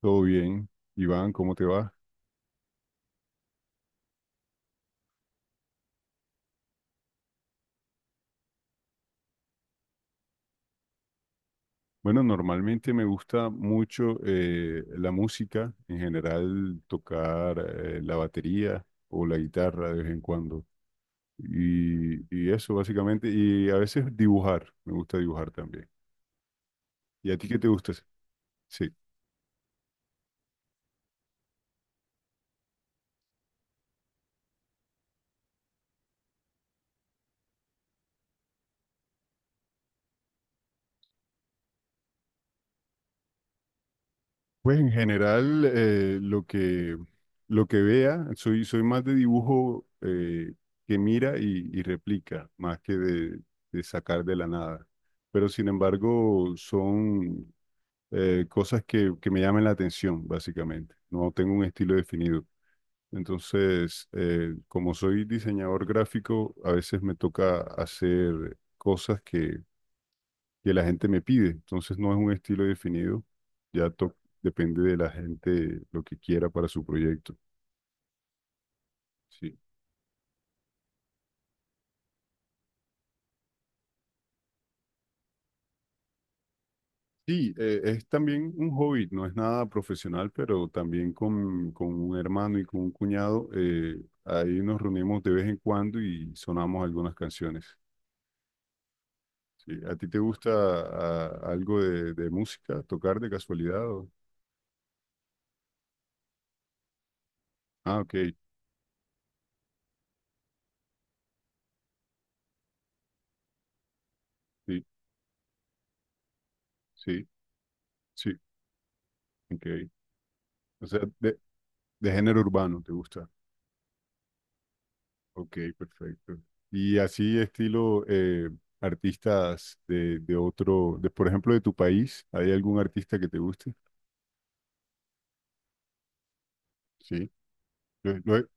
Todo bien, Iván, ¿cómo te va? Bueno, normalmente me gusta mucho la música, en general tocar la batería o la guitarra de vez en cuando. Y eso básicamente, y a veces dibujar, me gusta dibujar también. ¿Y a ti qué te gusta hacer? Sí. Pues en general, lo que vea, soy más de dibujo que mira y replica, más de sacar de la nada. Pero sin embargo, son cosas que me llaman la atención, básicamente. No tengo un estilo definido. Entonces, como soy diseñador gráfico, a veces me toca hacer cosas que la gente me pide. Entonces no es un estilo definido, ya to- depende de la gente lo que quiera para su proyecto. Sí, sí, es también un hobby, no es nada profesional, pero también con un hermano y con un cuñado, ahí nos reunimos de vez en cuando y sonamos algunas canciones. Sí, ¿a ti te gusta algo de música, tocar de casualidad? O... Ah, ok, sí, sí, sí, ok. O sea, de género urbano, ¿te gusta? Ok, perfecto. Y así estilo artistas de otro, de, por ejemplo, de tu país, ¿hay algún artista que te guste? Sí. Lo- lo-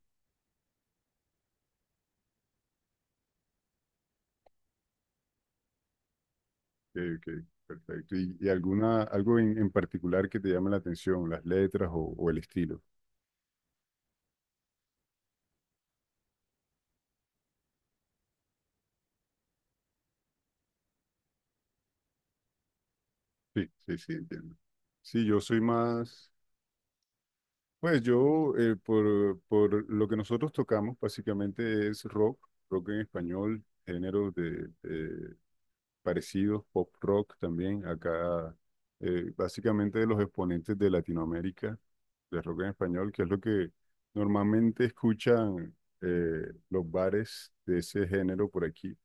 ok, perfecto. Y alguna, algo en particular que te llame la atención, las letras o el estilo? Sí, sí, sí, entiendo. Sí, yo soy más, pues yo, por lo que nosotros tocamos, básicamente es rock, rock en español, géneros de, parecidos, pop rock también, acá básicamente de los exponentes de Latinoamérica, de rock en español, que es lo que normalmente escuchan los bares de ese género por aquí.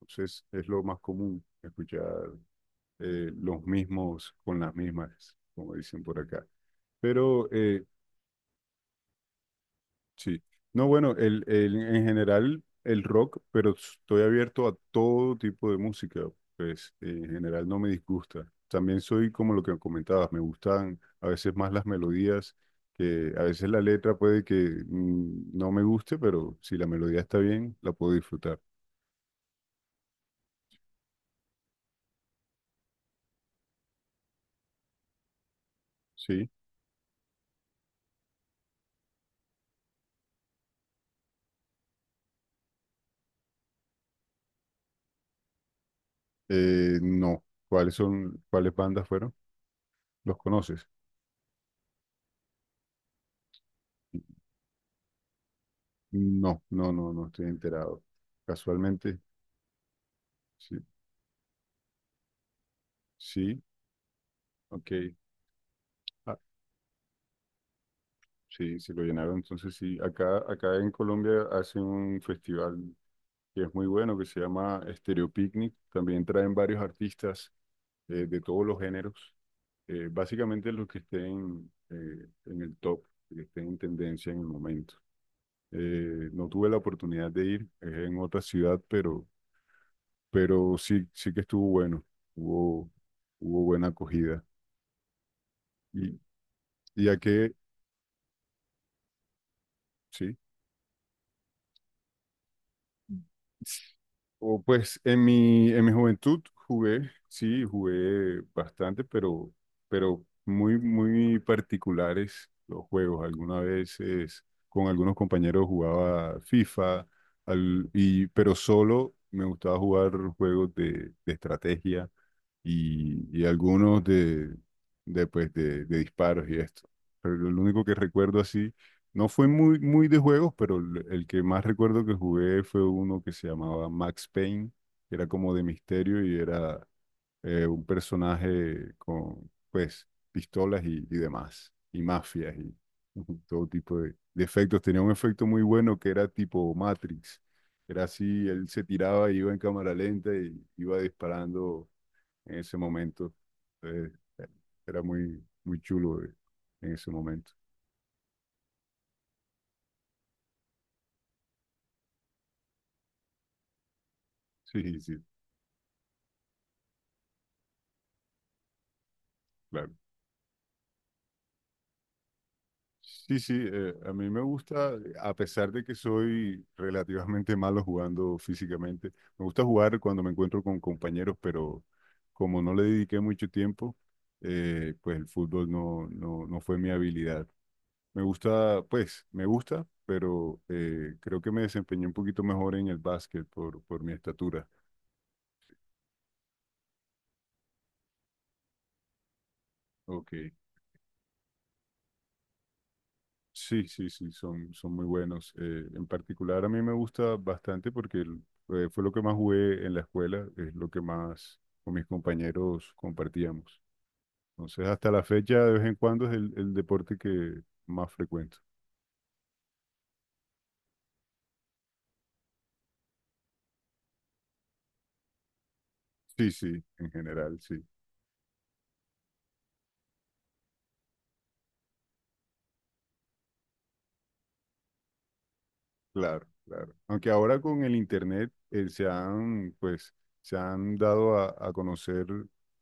Entonces es lo más común escuchar los mismos con las mismas, como dicen por acá. Pero sí. No, bueno, en general el rock, pero estoy abierto a todo tipo de música, pues en general no me disgusta. También soy como lo que comentabas, me gustan a veces más las melodías, que a veces la letra puede que no me guste, pero si la melodía está bien, la puedo disfrutar. Sí. No. ¿Cuáles son, cuáles bandas fueron? ¿Los conoces? No, no, no, no estoy enterado. Casualmente, sí, sí, ok. Sí, sí lo llenaron. Entonces sí, acá en Colombia hacen un festival que es muy bueno, que se llama Stereo Picnic. También traen varios artistas de todos los géneros. Básicamente los que estén en el top, que estén en tendencia en el momento. No tuve la oportunidad de ir, es en otra ciudad, pero sí, sí que estuvo bueno. Hubo, hubo buena acogida. ¿Y, y a qué? Sí. O, pues en mi juventud jugué, sí, jugué bastante, pero muy, muy particulares los juegos. Algunas veces con algunos compañeros jugaba FIFA, pero solo me gustaba jugar juegos de estrategia y algunos de disparos y esto. Pero lo único que recuerdo así, no fue muy, muy de juegos, pero el que más recuerdo que jugué fue uno que se llamaba Max Payne, que era como de misterio y era un personaje con, pues, pistolas y demás, y mafias y ujú, todo tipo de efectos. Tenía un efecto muy bueno que era tipo Matrix. Era así, él se tiraba y iba en cámara lenta y iba disparando en ese momento. Entonces, era muy, muy chulo en ese momento. Sí, sí, claro. Sí, sí, a mí me gusta, a pesar de que soy relativamente malo jugando físicamente, me gusta jugar cuando me encuentro con compañeros, pero como no le dediqué mucho tiempo, pues el fútbol no, no, no fue mi habilidad. Me gusta, pues, me gusta, pero creo que me desempeñé un poquito mejor en el básquet por mi estatura. Ok. Sí, sí, sí, son, son muy buenos. En particular a mí me gusta bastante fue lo que más jugué en la escuela, es lo que más con mis compañeros compartíamos. Entonces, hasta la fecha, de vez en cuando es el deporte que más frecuento. Sí, sí, en general, sí. Claro, claro. Aunque ahora con el internet se han, pues, se han dado a conocer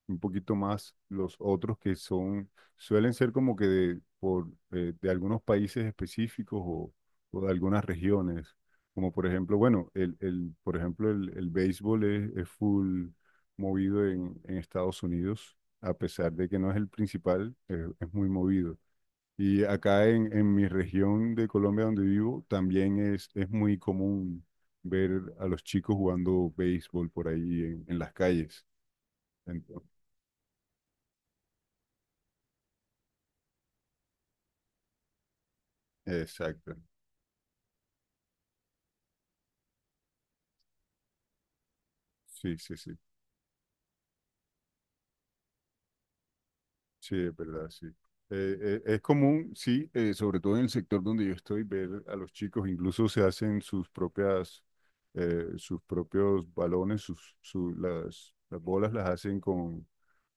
un poquito más los otros que son, suelen ser como que de, por, de algunos países específicos o de algunas regiones. Como por ejemplo, bueno, por ejemplo, el béisbol es full movido en Estados Unidos, a pesar de que no es el principal, es muy movido. Y acá en mi región de Colombia donde vivo, también es muy común ver a los chicos jugando béisbol por ahí en las calles. Ento- exacto. Sí, sí, sí. Sí, es verdad, sí. Es común, sí, sobre todo en el sector donde yo estoy, ver a los chicos, incluso se hacen sus propias, sus propios balones, las bolas las hacen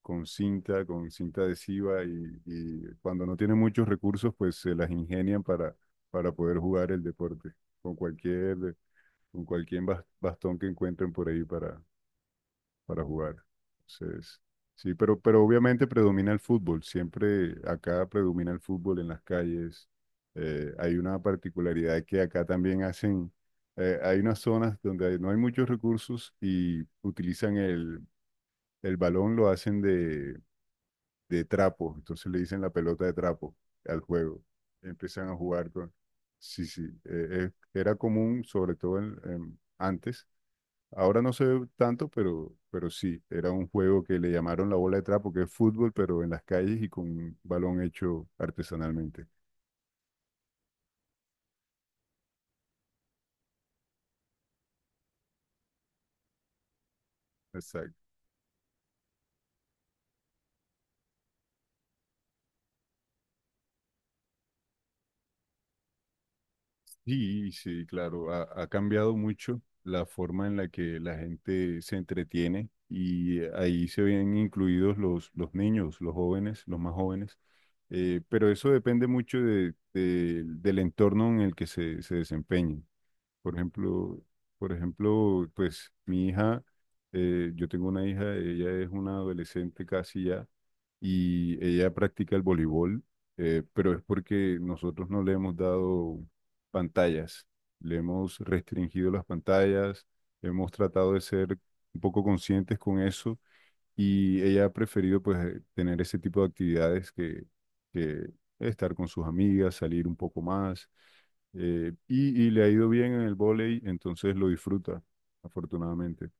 con cinta adhesiva y cuando no tienen muchos recursos, pues se las ingenian para poder jugar el deporte con cualquier, con cualquier bastón que encuentren por ahí para jugar. Entonces, sí, pero obviamente predomina el fútbol. Siempre acá predomina el fútbol en las calles. Hay una particularidad que acá también hacen, hay unas zonas no hay muchos recursos y utilizan el balón, lo hacen de trapo. Entonces le dicen la pelota de trapo al juego. Empiezan a jugar con... Sí, sí, era común, sobre todo antes. Ahora no se ve tanto, pero sí, era un juego que le llamaron la bola de trapo, que es fútbol, pero en las calles y con un balón hecho artesanalmente. Exacto. Sí, sí, claro, ha, ha cambiado mucho la forma en la que la gente se entretiene y ahí se ven incluidos los niños, los jóvenes, los más jóvenes. Pero eso depende mucho del entorno en el que se desempeñen. Por ejemplo, por ejemplo, pues mi hija, yo tengo una hija, ella es una adolescente casi ya, y ella practica el voleibol, pero es porque nosotros no le hemos dado pantallas, le hemos restringido las pantallas, hemos tratado de ser un poco conscientes con eso y ella ha preferido pues tener ese tipo de actividades que estar con sus amigas, salir un poco más. Y le ha ido bien en el vóley, entonces lo disfruta, afortunadamente.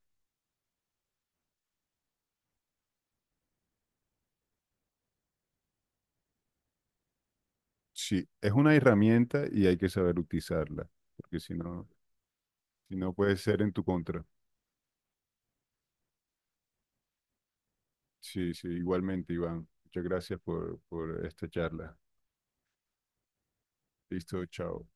Sí, es una herramienta y hay que saber utilizarla, porque si no, si no puede ser en tu contra. Sí, sí, igualmente, Iván. Muchas gracias por esta charla. Listo, chao.